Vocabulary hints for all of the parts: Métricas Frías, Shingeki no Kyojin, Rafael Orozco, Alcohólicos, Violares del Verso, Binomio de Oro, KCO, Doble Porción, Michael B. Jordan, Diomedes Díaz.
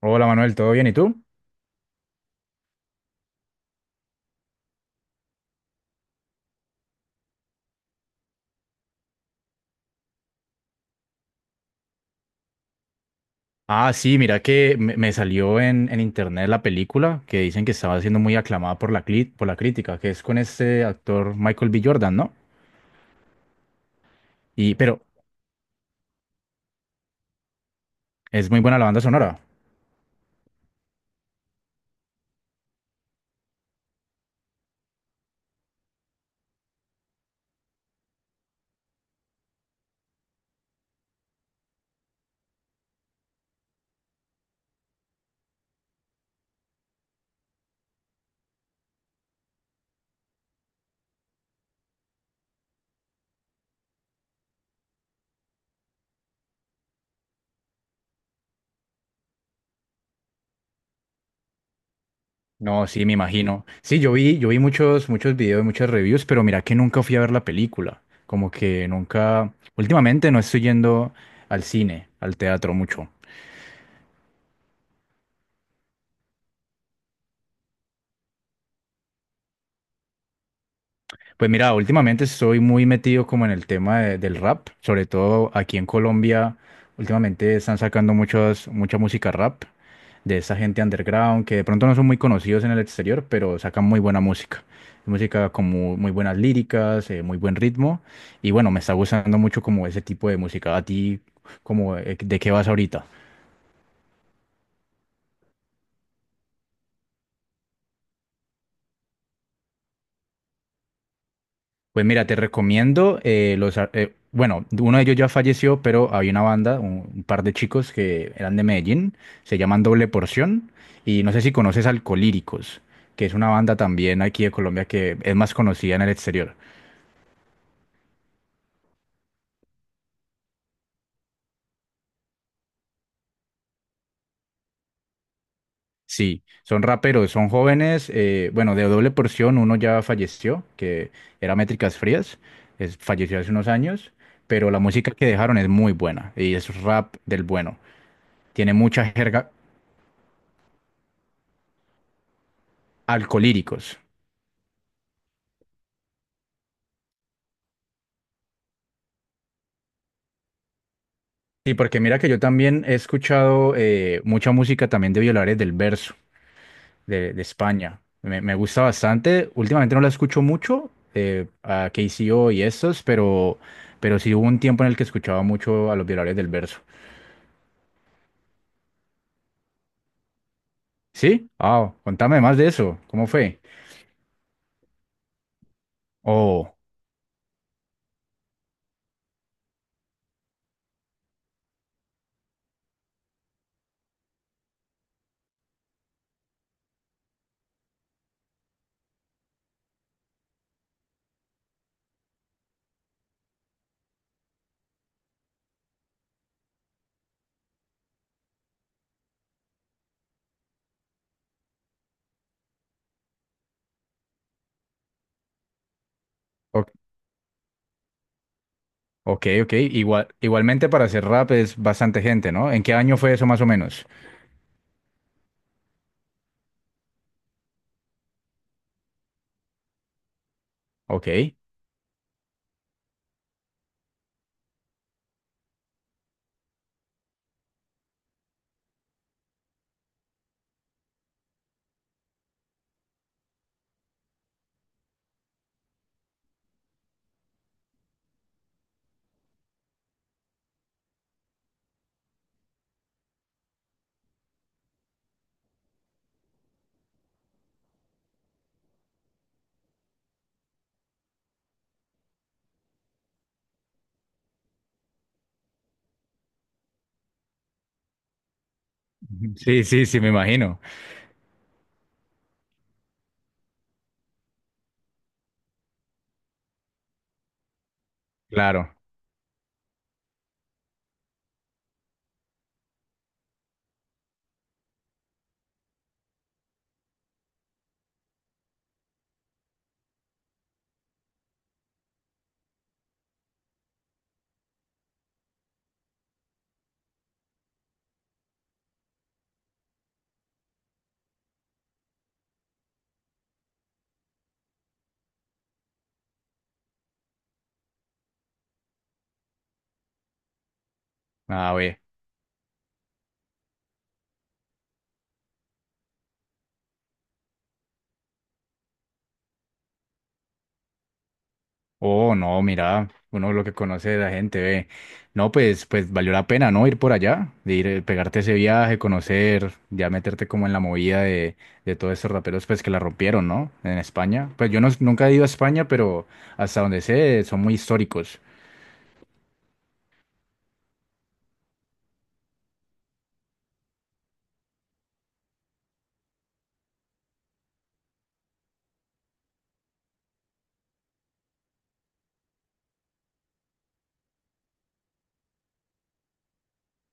Hola Manuel, ¿todo bien? ¿Y tú? Ah, sí, mira que me salió en internet la película que dicen que estaba siendo muy aclamada por por la crítica, que es con este actor Michael B. Jordan, ¿no? Pero es muy buena la banda sonora. No, sí, me imagino. Sí, yo vi muchos, muchos videos, muchas reviews, pero mira que nunca fui a ver la película. Como que nunca, últimamente no estoy yendo al cine, al teatro mucho. Pues mira, últimamente estoy muy metido como en el del rap, sobre todo aquí en Colombia. Últimamente están sacando muchas, mucha música rap de esa gente underground que de pronto no son muy conocidos en el exterior, pero sacan muy buena música. Música como muy buenas líricas, muy buen ritmo. Y bueno, me está gustando mucho como ese tipo de música. ¿A ti, como, de qué vas ahorita? Pues mira, te recomiendo bueno, uno de ellos ya falleció, pero había una banda, un par de chicos que eran de Medellín, se llaman Doble Porción, y no sé si conoces Alcolíricos, que es una banda también aquí de Colombia que es más conocida en el exterior. Sí, son raperos, son jóvenes, bueno, de Doble Porción uno ya falleció, que era Métricas Frías, falleció hace unos años, pero la música que dejaron es muy buena, y es rap del bueno, tiene mucha jerga alcolíricos. Sí, porque mira que yo también he escuchado mucha música también de Violares del Verso, de España. Me gusta bastante. Últimamente no la escucho mucho, a KCO y estos, pero sí hubo un tiempo en el que escuchaba mucho a los Violares del Verso. ¿Sí? Ah, contame más de eso. ¿Cómo fue? Oh, o- ok, ok. Igual, igualmente para hacer rap es bastante gente, ¿no? ¿En qué año fue eso más o menos? Ok. Ujú. Sí, sí, sí, me imagino. Claro. Ah, Oh, no, mira, uno lo que conoce de la gente, ve. No, pues, pues valió la pena, ¿no? Ir por allá, de ir, pegarte ese viaje, conocer, ya meterte como en la movida de todos estos raperos, pues que la rompieron, ¿no? En España. Pues yo no, nunca he ido a España, pero hasta donde sé, son muy históricos.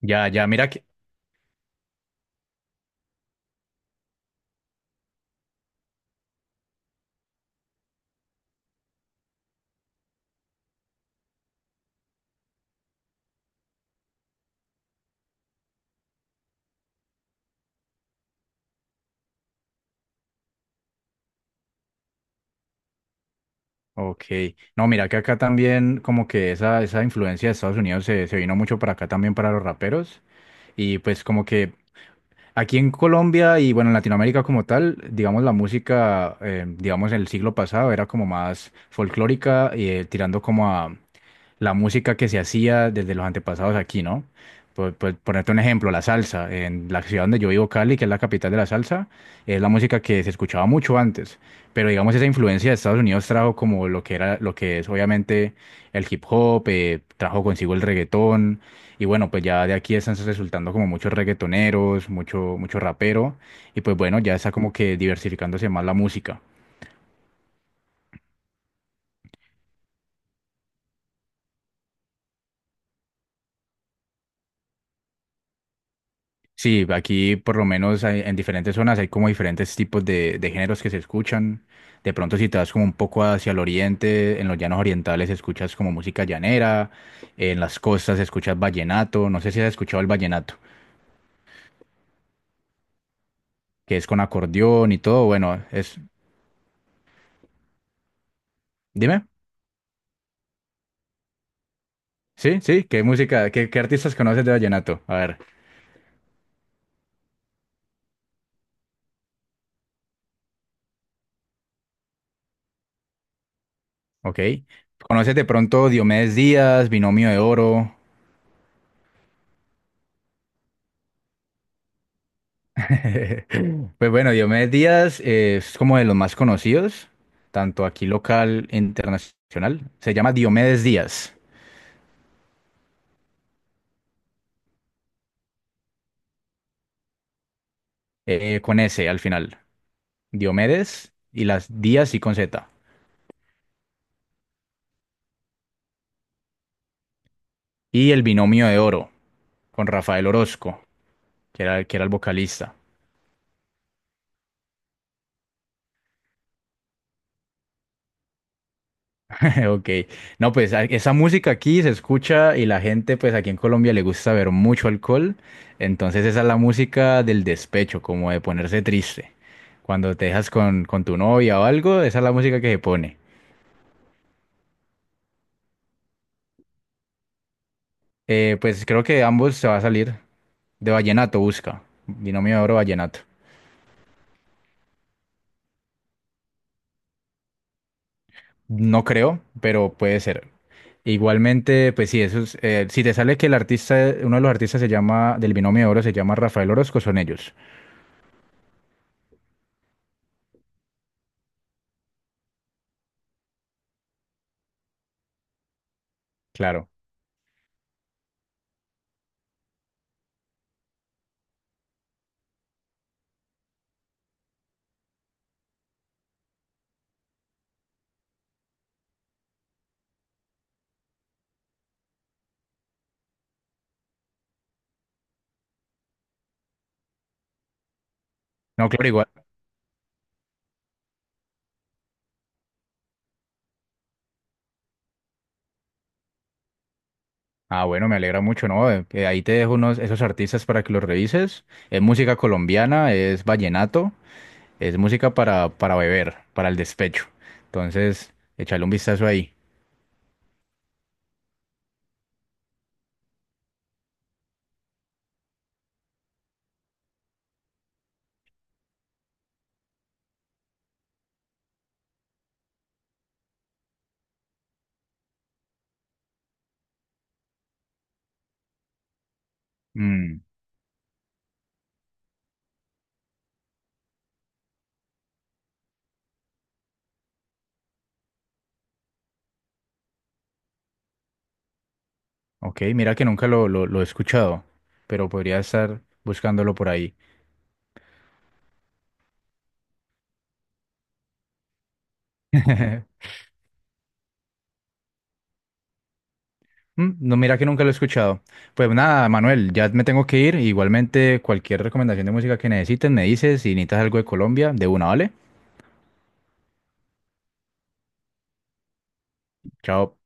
Ya, ya, mira que. Ok. No, mira que acá también, como que esa influencia de Estados Unidos se vino mucho para acá también para los raperos. Y pues como que, aquí en Colombia y bueno, en Latinoamérica como tal, digamos, la música, digamos, en el siglo pasado era como más folclórica y tirando como la música que se hacía desde los antepasados aquí, ¿no? Por ponerte un ejemplo, la salsa. En la ciudad donde yo vivo, Cali, que es la capital de la salsa, es la música que se escuchaba mucho antes. Pero digamos, esa influencia de Estados Unidos trajo como lo que era, lo que es obviamente el hip hop, trajo consigo el reggaetón. Y bueno, pues ya de aquí están resultando como muchos reggaetoneros, mucho, mucho rapero. Y pues bueno, ya está como que diversificándose más la música. Sí, aquí por lo menos en diferentes zonas hay como diferentes tipos de géneros que se escuchan. De pronto si te vas como un poco hacia el oriente, en los llanos orientales escuchas como música llanera, en las costas escuchas vallenato, no sé si has escuchado el vallenato, que es con acordeón y todo, bueno, es... Dime, sí, sí, ¿qué música, qué artistas conoces de vallenato? A ver, ok. ¿Conoces de pronto Diomedes Díaz, Binomio de Oro? Pues bueno, Diomedes Díaz es como de los más conocidos, tanto aquí local e internacional. Se llama Diomedes Díaz, con S al final. Diomedes y las Díaz y con Z. Y el binomio de oro, con Rafael Orozco, que era el vocalista. Ok, no, esa música aquí se escucha y la gente, pues aquí en Colombia le gusta ver mucho alcohol, entonces esa es la música del despecho, como de ponerse triste. Cuando te dejas con tu novia o algo, esa es la música que se pone. Pues creo que ambos se va a salir de vallenato, busca, binomio de oro vallenato. No creo, pero puede ser. Igualmente, pues sí, eso es, si te sale que el artista, uno de los artistas se llama, del binomio de oro se llama Rafael Orozco, son ellos. Claro. No, claro, igual. Ah, bueno, me alegra mucho, ¿no? Ahí te dejo unos, esos artistas para que los revises. Es música colombiana, es vallenato, es música para beber, para el despecho. Entonces, échale un vistazo ahí. Mm, ok, mira que nunca lo he escuchado, pero podría estar buscándolo por ahí. Mm, no, mira que nunca lo he escuchado. Pues nada, Manuel, ya me tengo que ir. Igualmente, cualquier recomendación de música que necesites, me dices. Si necesitas algo de Colombia, de una, ¿vale? Chao.